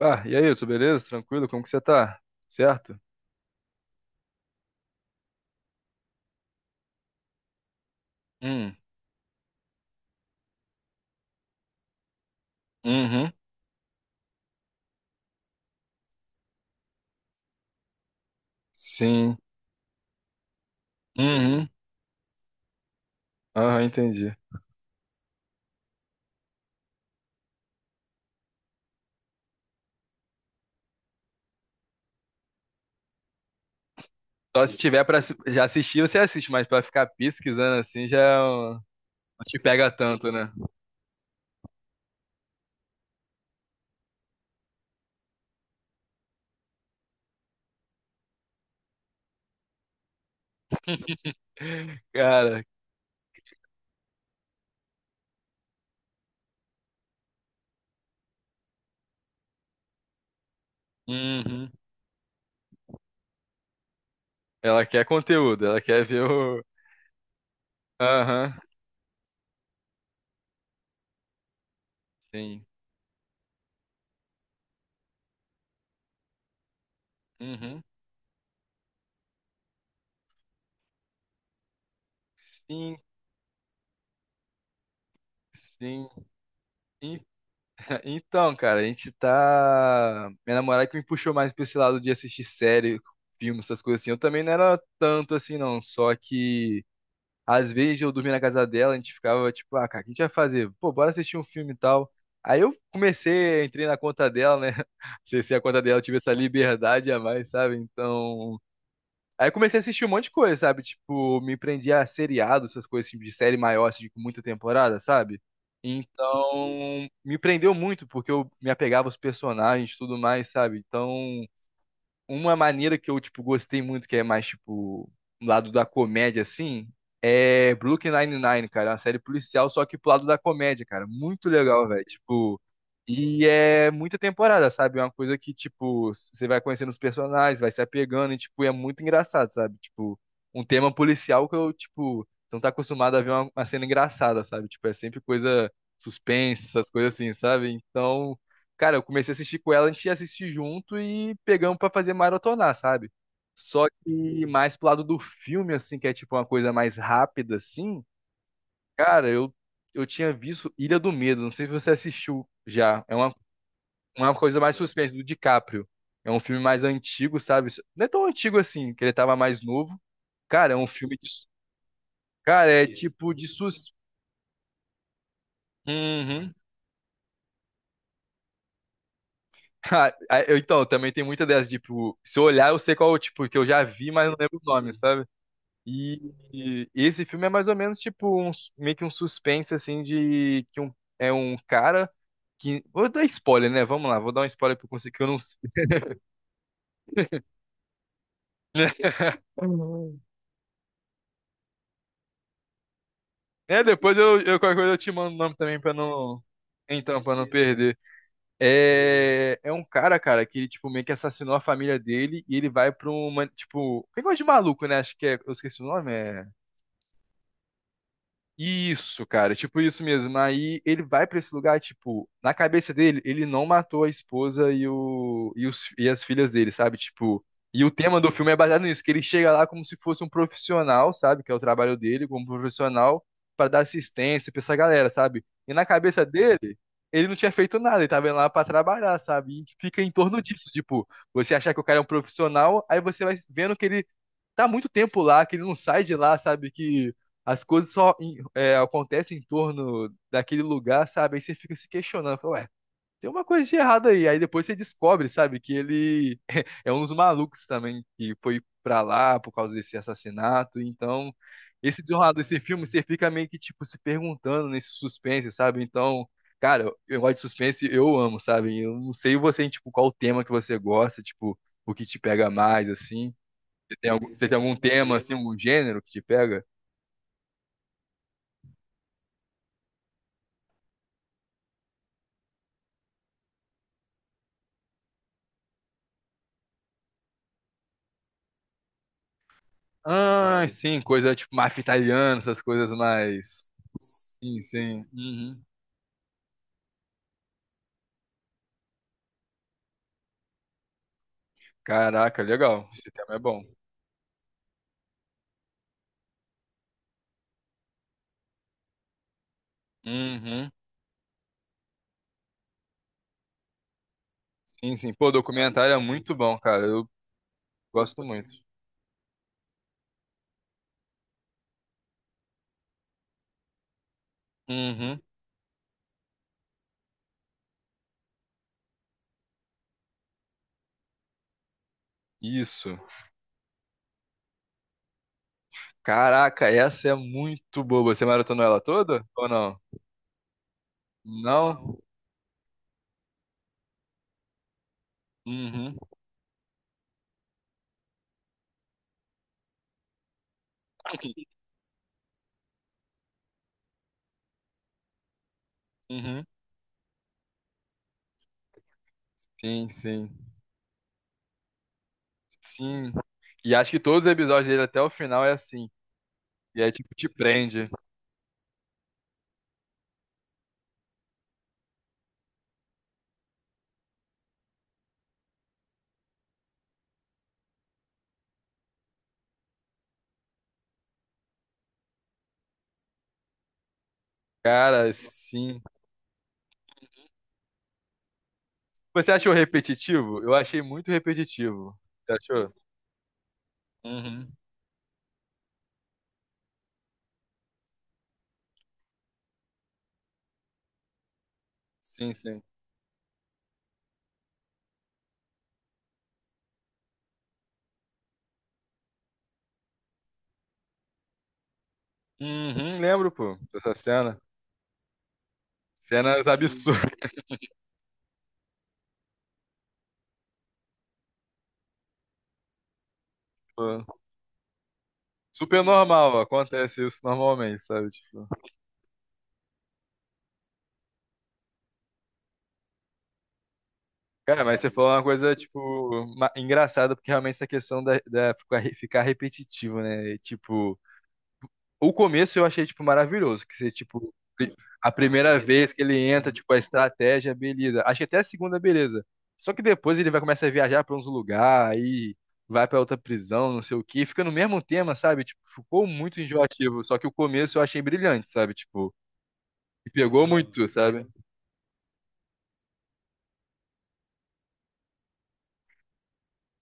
Ah, e aí, Hudson, beleza? Tranquilo? Como que você tá? Certo? Hum, uhum, sim, uhum, aham, entendi. Só se tiver pra já assistir, você assiste, mas pra ficar pesquisando assim não te pega tanto, né? Cara, uhum. Ela quer conteúdo, ela quer ver o. Aham, sim, uhum, sim, sim. Então, cara, a gente tá. Minha namorada que me puxou mais pra esse lado de assistir série, filme, essas coisas assim. Eu também não era tanto assim, não. Só que às vezes eu dormia na casa dela, a gente ficava tipo, ah, cara, o que a gente vai fazer? Pô, bora assistir um filme e tal. Aí eu comecei, entrei na conta dela, né? Acessei a conta dela, eu tive essa liberdade a mais, sabe? Então. Aí eu comecei a assistir um monte de coisa, sabe? Tipo, me prendi a seriado, essas coisas tipo, de série maior, assim, com muita temporada, sabe? Então, me prendeu muito, porque eu me apegava aos personagens e tudo mais, sabe? Então, uma maneira que eu, tipo, gostei muito, que é mais, tipo, um lado da comédia, assim, é Brooklyn Nine-Nine, cara. É uma série policial, só que pro lado da comédia, cara. Muito legal, velho. Tipo, e é muita temporada, sabe? É uma coisa que, tipo, você vai conhecendo os personagens, vai se apegando e, tipo, é muito engraçado, sabe? Tipo, um tema policial que eu, tipo, você não tá acostumado a ver uma cena engraçada, sabe? Tipo, é sempre coisa suspense, essas coisas assim, sabe? Então, cara, eu comecei a assistir com ela, a gente ia assistir junto e pegamos pra fazer maratonar, sabe? Só que mais pro lado do filme, assim, que é tipo uma coisa mais rápida, assim. Cara, eu tinha visto Ilha do Medo, não sei se você assistiu já. É uma coisa mais suspense, do DiCaprio. É um filme mais antigo, sabe? Não é tão antigo assim, que ele tava mais novo. Cara, é um filme de. Cara, é tipo de sus. Uhum. Então, também tem muita dessas, tipo, se eu olhar, eu sei qual, tipo, que eu já vi, mas não lembro o nome, sabe? E, esse filme é mais ou menos tipo um, meio que um suspense assim de que um, é um cara que vou dar spoiler, né? Vamos lá, vou dar um spoiler pra eu conseguir que eu não sei. Uhum. É, depois eu qualquer coisa eu te mando o nome também pra não então para não perder. É, um cara, cara, que ele tipo meio que assassinou a família dele e ele vai pra uma tipo, que coisa de maluco, né? Acho que é, eu esqueci o nome, é. Isso, cara, tipo isso mesmo. Aí ele vai pra esse lugar, tipo, na cabeça dele, ele não matou a esposa e as filhas dele, sabe? Tipo, e o tema do filme é baseado nisso, que ele chega lá como se fosse um profissional, sabe? Que é o trabalho dele, como profissional, pra dar assistência pra essa galera, sabe? E na cabeça dele, ele não tinha feito nada, ele tava indo lá pra trabalhar, sabe? E fica em torno disso, tipo, você achar que o cara é um profissional, aí você vai vendo que ele tá muito tempo lá, que ele não sai de lá, sabe? Que as coisas só acontecem em torno daquele lugar, sabe? Aí você fica se questionando, fala, ué, tem uma coisa de errado aí. Aí depois você descobre, sabe, que ele é um dos malucos também que foi pra lá por causa desse assassinato. Então, esse desenrolar desse filme, você fica meio que, tipo, se perguntando nesse suspense, sabe? Então, cara, eu gosto de suspense, eu amo, sabe? Eu não sei você, tipo, qual o tema que você gosta, tipo, o que te pega mais, assim. Você tem algum tema, assim, algum gênero que te pega? Ah, sim, coisa tipo máfia italiana, essas coisas mais. Sim, sim. Uhum. Caraca, legal. Esse tema é bom. Uhum. Sim, sim. Pô, documentário é muito bom, cara. Eu gosto muito. Uhum. Isso. Caraca, essa é muito boa. Você maratonou ela toda? Ou não? Não? Uhum. Uhum. Sim, sim. Sim. E acho que todos os episódios dele até o final é assim. E aí, tipo, te prende. Cara, sim. Você achou repetitivo? Eu achei muito repetitivo. Você achou? Uhum. Sim, sim. Uhum, lembro, pô, dessa cena. Cenas absurdas. Pô. Super normal, acontece isso normalmente, sabe? Tipo, cara, mas você falou uma coisa, tipo, engraçada, porque realmente essa questão da ficar repetitivo, né? E, tipo, o começo eu achei, tipo, maravilhoso, que você, tipo, a primeira vez que ele entra, tipo, a estratégia, beleza. Acho que até a segunda, beleza. Só que depois ele vai começar a viajar pra uns lugares, aí vai pra outra prisão, não sei o quê, fica no mesmo tema, sabe? Tipo, ficou muito enjoativo. Só que o começo eu achei brilhante, sabe? Tipo, me pegou muito, sabe?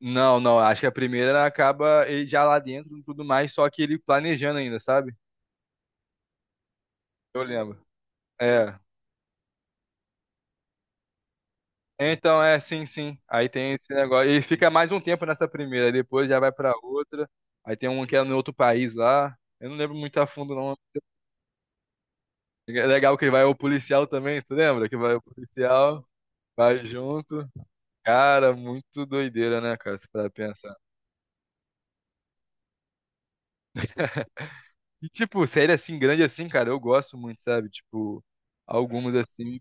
Não, não, acho que a primeira acaba ele já lá dentro e tudo mais, só que ele planejando ainda, sabe? Eu lembro. É. Então, é, sim, sim. Aí tem esse negócio. E fica mais um tempo nessa primeira, depois já vai pra outra. Aí tem um que é no outro país lá. Eu não lembro muito a fundo, não. É legal que vai o policial também, tu lembra? Que vai o policial, vai junto. Cara, muito doideira, né, cara? Se parar pra pensar. E, tipo, série assim, grande assim, cara, eu gosto muito, sabe? Tipo, algumas assim,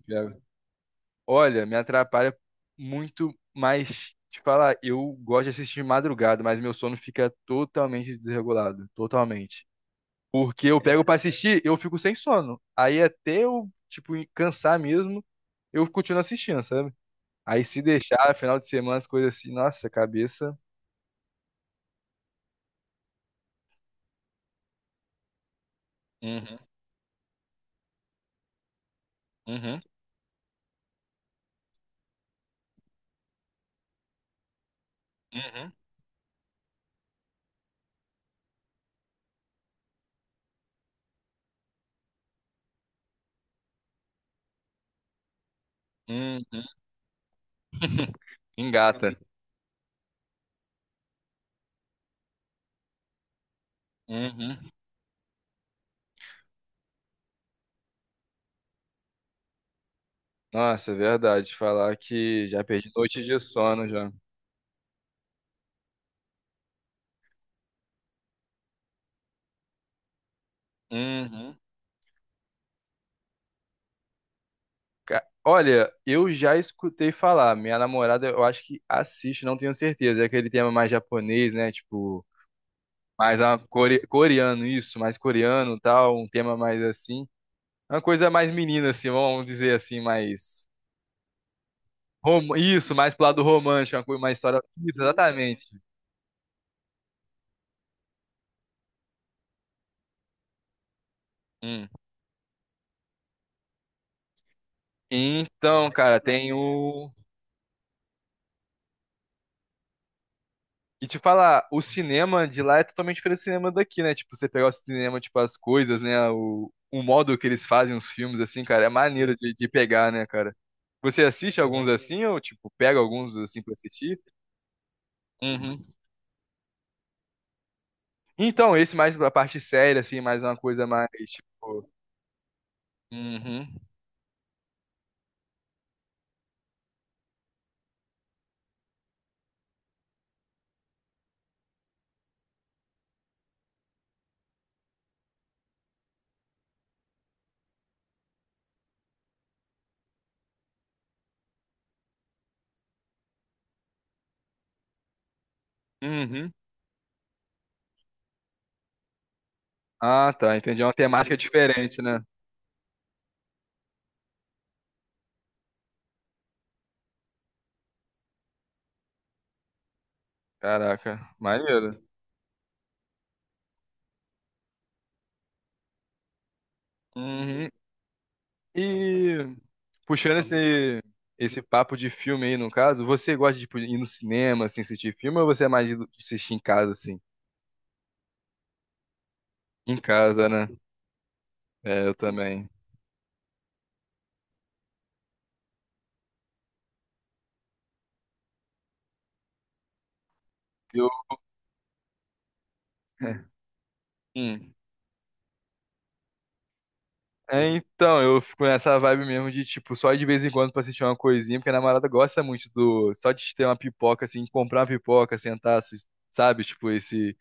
olha, me atrapalha muito, mas te falar, eu gosto de assistir de madrugada, mas meu sono fica totalmente desregulado, totalmente. Porque eu pego pra assistir, eu fico sem sono. Aí até eu, tipo, cansar mesmo, eu continuo assistindo, sabe? Aí se deixar, final de semana, as coisas assim, nossa, cabeça. Uhum, uhum, uhum, uhum. Engata. Uhum. Nossa, é verdade. Falar que já perdi noite de sono já. Uhum. Olha, eu já escutei falar. Minha namorada, eu acho que assiste, não tenho certeza. É aquele tema mais japonês, né? Tipo, mais a coreano, isso, mais coreano, tal, um tema mais assim. Uma coisa mais menina, assim, vamos dizer assim, mais. Isso, mais pro lado romântico, uma coisa, uma história. Isso, exatamente. Hum. Então, cara, tem o. E te falar, o cinema de lá é totalmente diferente do cinema daqui, né? Tipo, você pegar o cinema, tipo, as coisas, né? O modo que eles fazem os filmes, assim, cara, é maneiro de pegar, né, cara? Você assiste alguns assim, ou, tipo, pega alguns assim pra assistir? Uhum. Então, esse mais a parte séria, assim, mais uma coisa mais, tipo. Uhum. Uhum. Ah, tá. Entendi. É uma temática diferente, né? Caraca, maneiro. Uhum. E. Puxando esse papo de filme aí, no caso, você gosta de tipo, ir no cinema, assim, assistir filme, ou você é mais de assistir em casa, assim? Em casa, né? É, eu também. Eu, hum. É, então, eu fico nessa vibe mesmo de, tipo, só ir de vez em quando pra assistir uma coisinha, porque a namorada gosta muito do. Só de ter uma pipoca, assim, comprar uma pipoca, sentar, sabe? Tipo, esse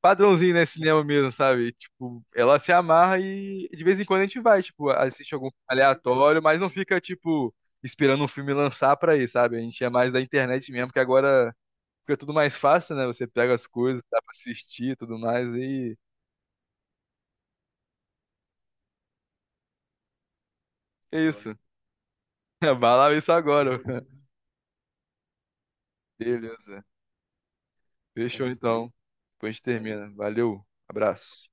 padrãozinho, né, cinema mesmo, sabe? Tipo, ela se amarra e de vez em quando a gente vai, tipo, assiste algum filme aleatório, mas não fica, tipo, esperando um filme lançar pra ir, sabe? A gente é mais da internet mesmo, que agora fica tudo mais fácil, né? Você pega as coisas, dá pra assistir e tudo mais, e é isso. Vai lá ver isso agora. Beleza. Fechou então. Depois a gente termina. Valeu, abraço.